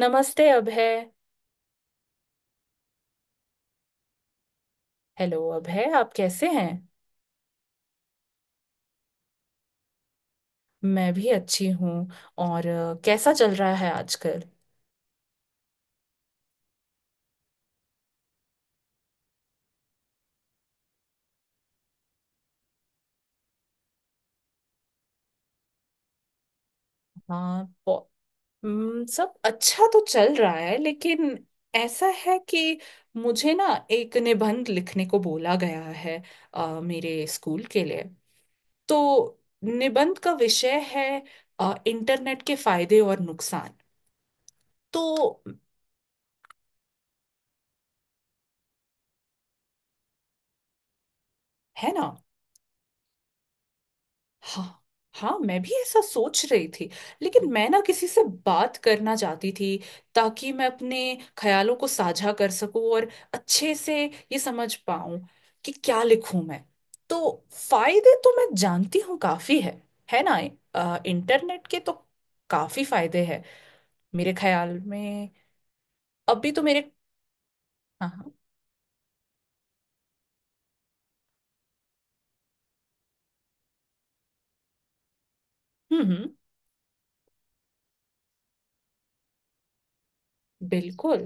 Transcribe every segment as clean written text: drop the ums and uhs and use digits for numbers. नमस्ते अभय। हेलो अभय, आप कैसे हैं। मैं भी अच्छी हूँ। और कैसा चल रहा है आजकल। हाँ, सब अच्छा तो चल रहा है, लेकिन ऐसा है कि मुझे ना एक निबंध लिखने को बोला गया है, मेरे स्कूल के लिए। तो निबंध का विषय है इंटरनेट के फायदे और नुकसान। तो, है ना। हाँ, हाँ, मैं भी ऐसा सोच रही थी, लेकिन मैं ना किसी से बात करना चाहती थी, ताकि मैं अपने ख्यालों को साझा कर सकूं और अच्छे से ये समझ पाऊं कि क्या लिखूं मैं। तो फायदे तो मैं जानती हूँ, काफी है। है ना। इंटरनेट के तो काफी फायदे हैं मेरे ख्याल में। अभी तो मेरे, हाँ, हाँ, हम्म, हम्म, बिल्कुल,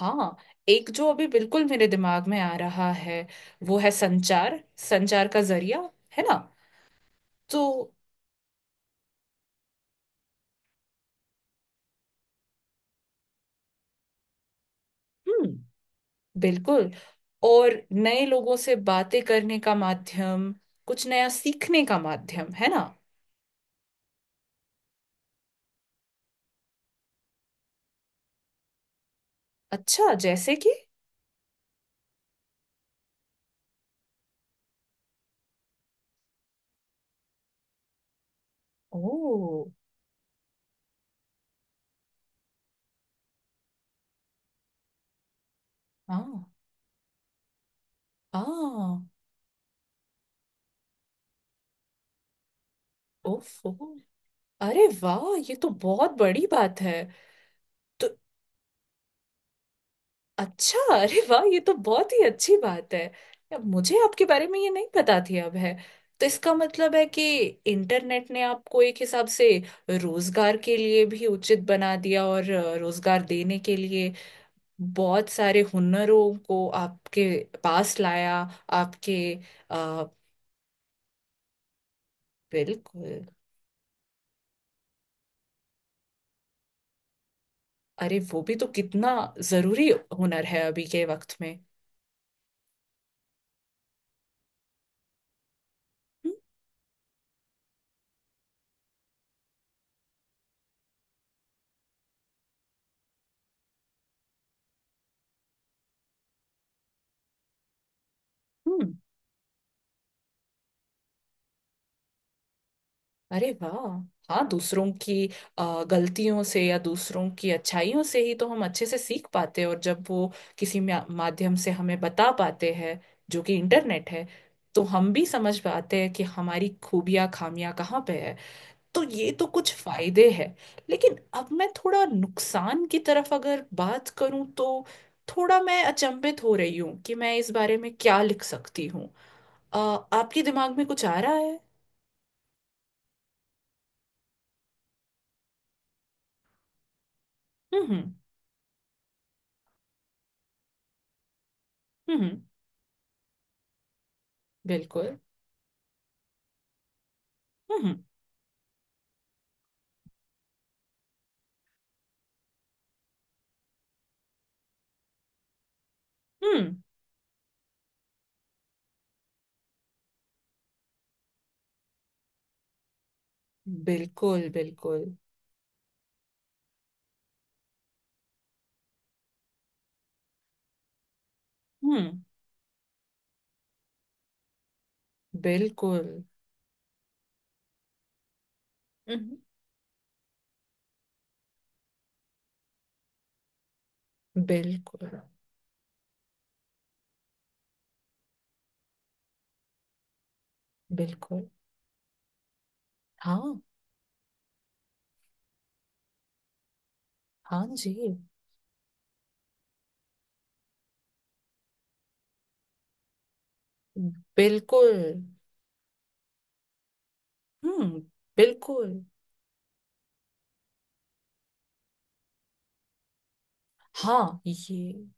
हाँ, एक जो अभी बिल्कुल मेरे दिमाग में आ रहा है, वो है संचार, संचार का जरिया। है ना। तो, हम्म, बिल्कुल, और नए लोगों से बातें करने का माध्यम, कुछ नया सीखने का माध्यम। है ना। अच्छा, जैसे कि, ओ, हाँ, हाँ, ओफो, अरे वाह, ये तो बहुत बड़ी बात है। तो अच्छा, अरे वाह, ये तो बहुत ही अच्छी बात है। या मुझे आपके बारे में ये नहीं पता थी, अब है। तो इसका मतलब है कि इंटरनेट ने आपको एक हिसाब से रोजगार के लिए भी उचित बना दिया और रोजगार देने के लिए बहुत सारे हुनरों को आपके पास लाया। आपके, आ, बिल्कुल, अरे वो भी तो कितना जरूरी हुनर है अभी के वक्त में। हम्म, हम्म। अरे वाह। हाँ, दूसरों की गलतियों से या दूसरों की अच्छाइयों से ही तो हम अच्छे से सीख पाते हैं। और जब वो किसी माध्यम से हमें बता पाते हैं, जो कि इंटरनेट है, तो हम भी समझ पाते हैं कि हमारी खूबियां खामियां कहाँ पे है। तो ये तो कुछ फायदे हैं। लेकिन अब मैं थोड़ा नुकसान की तरफ अगर बात करूं, तो थोड़ा मैं अचंभित हो रही हूँ कि मैं इस बारे में क्या लिख सकती हूँ। अ, आपके दिमाग में कुछ आ रहा है। हम्म, हम्म, हम्म। बिल्कुल। हम्म, हम्म। बिल्कुल, बिल्कुल। हम्म। बिल्कुल। हम्म, बिल्कुल, बिल्कुल। हाँ। हाँ जी। बिल्कुल। हम्म, बिल्कुल। हाँ, ये,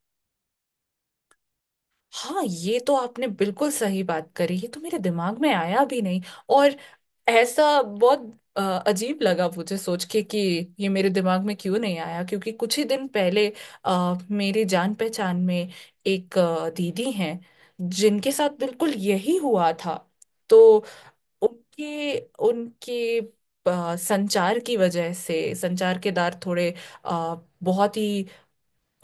हाँ ये तो आपने बिल्कुल सही बात करी, ये तो मेरे दिमाग में आया भी नहीं। और ऐसा बहुत अ, अजीब लगा मुझे सोच के कि ये मेरे दिमाग में क्यों नहीं आया, क्योंकि कुछ ही दिन पहले मेरे जान पहचान में एक दीदी हैं, जिनके साथ बिल्कुल यही हुआ था। तो उनके उनके संचार की वजह से, संचार के दार थोड़े, अ, बहुत ही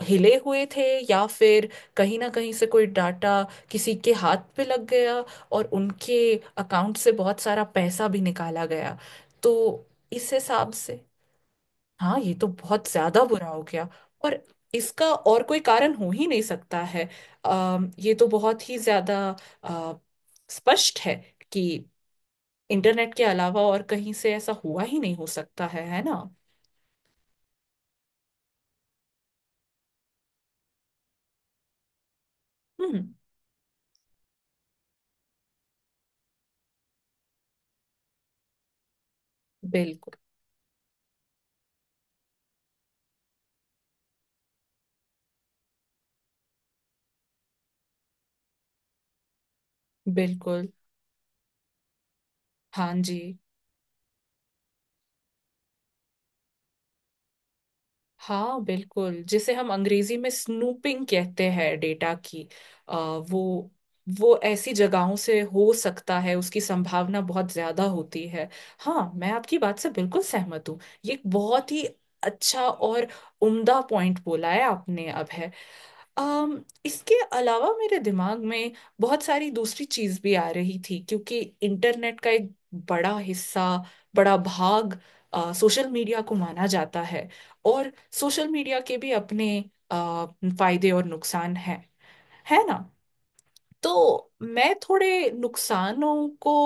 हिले हुए थे, या फिर कहीं ना कहीं से कोई डाटा किसी के हाथ पे लग गया, और उनके अकाउंट से बहुत सारा पैसा भी निकाला गया। तो इस हिसाब से, हाँ ये तो बहुत ज्यादा बुरा हो गया। और इसका और कोई कारण हो ही नहीं सकता है। ये तो बहुत ही ज्यादा अ, स्पष्ट है कि इंटरनेट के अलावा और कहीं से ऐसा हुआ ही नहीं हो सकता है। है ना। हम्म। बिल्कुल, बिल्कुल। हाँ जी। हाँ, बिल्कुल, जिसे हम अंग्रेजी में स्नूपिंग कहते हैं, डेटा की आ, वो वो ऐसी जगहों से हो सकता है, उसकी संभावना बहुत ज्यादा होती है। हाँ, मैं आपकी बात से बिल्कुल सहमत हूँ। ये एक बहुत ही अच्छा और उम्दा पॉइंट बोला है आपने अब। अम इसके अलावा मेरे दिमाग में बहुत सारी दूसरी चीज भी आ रही थी, क्योंकि इंटरनेट का एक बड़ा हिस्सा, बड़ा भाग सोशल मीडिया को माना जाता है। और सोशल मीडिया के भी अपने अ, फायदे और नुकसान हैं। है ना। तो मैं थोड़े नुकसानों को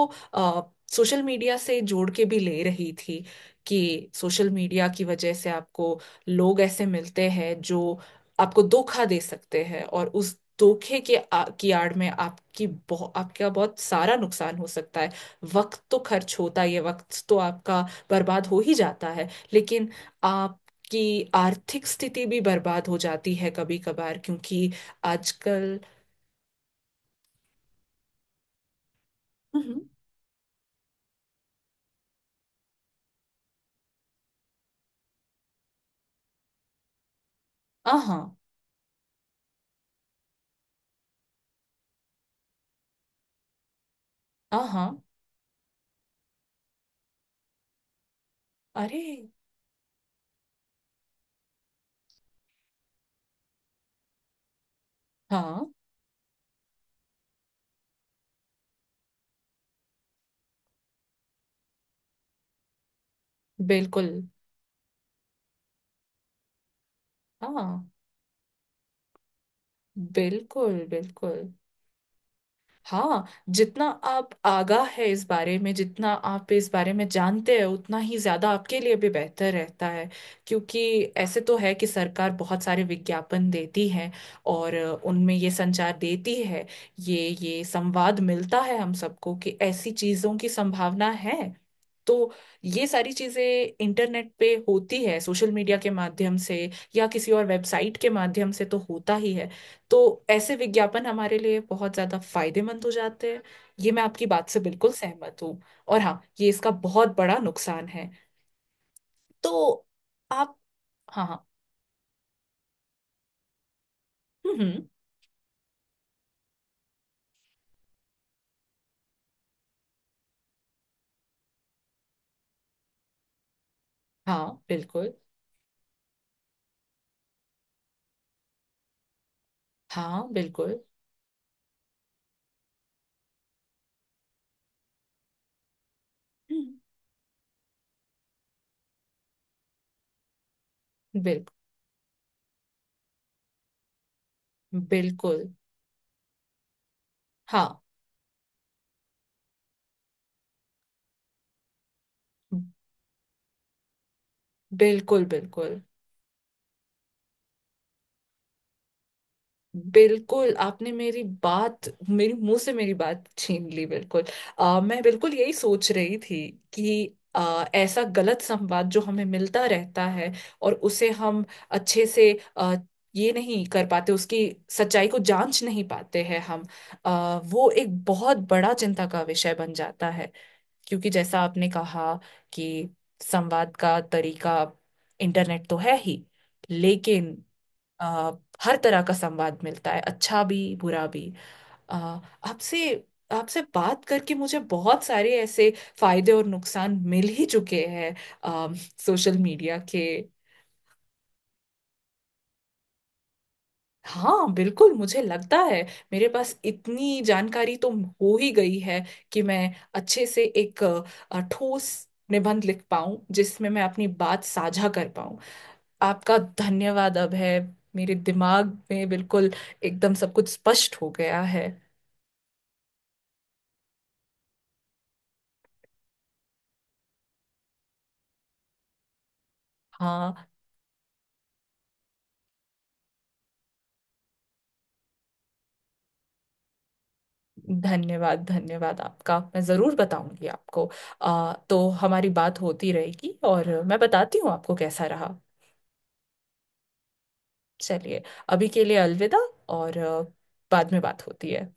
सोशल मीडिया से जोड़ के भी ले रही थी, कि सोशल मीडिया की वजह से आपको लोग ऐसे मिलते हैं, जो आपको धोखा दे सकते हैं, और उस धोखे के, की आड़ में आपकी आपका बहुत सारा नुकसान हो सकता है। वक्त तो खर्च होता ही है, वक्त तो आपका बर्बाद हो ही जाता है, लेकिन आपकी आर्थिक स्थिति भी बर्बाद हो जाती है कभी कभार, क्योंकि आजकल, हाँ, हाँ, अरे, हाँ बिल्कुल, हाँ बिल्कुल, बिल्कुल, हाँ, जितना आप आगाह है इस बारे में, जितना आप इस बारे में जानते हैं, उतना ही ज्यादा आपके लिए भी बेहतर रहता है। क्योंकि ऐसे तो है कि सरकार बहुत सारे विज्ञापन देती है, और उनमें ये संचार देती है। ये संवाद मिलता है हम सबको कि ऐसी चीजों की संभावना है। तो ये सारी चीजें इंटरनेट पे होती है, सोशल मीडिया के माध्यम से या किसी और वेबसाइट के माध्यम से तो होता ही है। तो ऐसे विज्ञापन हमारे लिए बहुत ज्यादा फायदेमंद हो जाते हैं। ये मैं आपकी बात से बिल्कुल सहमत हूँ। और हाँ, ये इसका बहुत बड़ा नुकसान है। तो आप, हाँ, हाँ, हम्म, हाँ, बिल्कुल, हाँ, बिल्कुल, हम्म, बिल्कुल, बिल्कुल, हाँ, बिल्कुल, बिल्कुल, बिल्कुल आपने मेरी बात, मेरी मुंह से मेरी बात छीन ली, बिल्कुल। मैं बिल्कुल यही सोच रही थी, कि ऐसा गलत संवाद जो हमें मिलता रहता है, और उसे हम अच्छे से आ, ये नहीं कर पाते, उसकी सच्चाई को जांच नहीं पाते हैं हम। वो एक बहुत बड़ा चिंता का विषय बन जाता है, क्योंकि जैसा आपने कहा कि संवाद का तरीका इंटरनेट तो है ही, लेकिन अ, हर तरह का संवाद मिलता है, अच्छा भी, बुरा भी। अ, आपसे आपसे बात करके मुझे बहुत सारे ऐसे फायदे और नुकसान मिल ही चुके हैं, अ, सोशल मीडिया के। हाँ, बिल्कुल, मुझे लगता है मेरे पास इतनी जानकारी तो हो ही गई है कि मैं अच्छे से एक ठोस निबंध लिख पाऊं, जिसमें मैं अपनी बात साझा कर पाऊं। आपका धन्यवाद अब है। मेरे दिमाग में बिल्कुल एकदम सब कुछ स्पष्ट हो गया है। हाँ, धन्यवाद, धन्यवाद आपका, मैं ज़रूर बताऊंगी आपको। तो हमारी बात होती रहेगी, और मैं बताती हूँ आपको कैसा रहा। चलिए, अभी के लिए अलविदा, और बाद में बात होती है।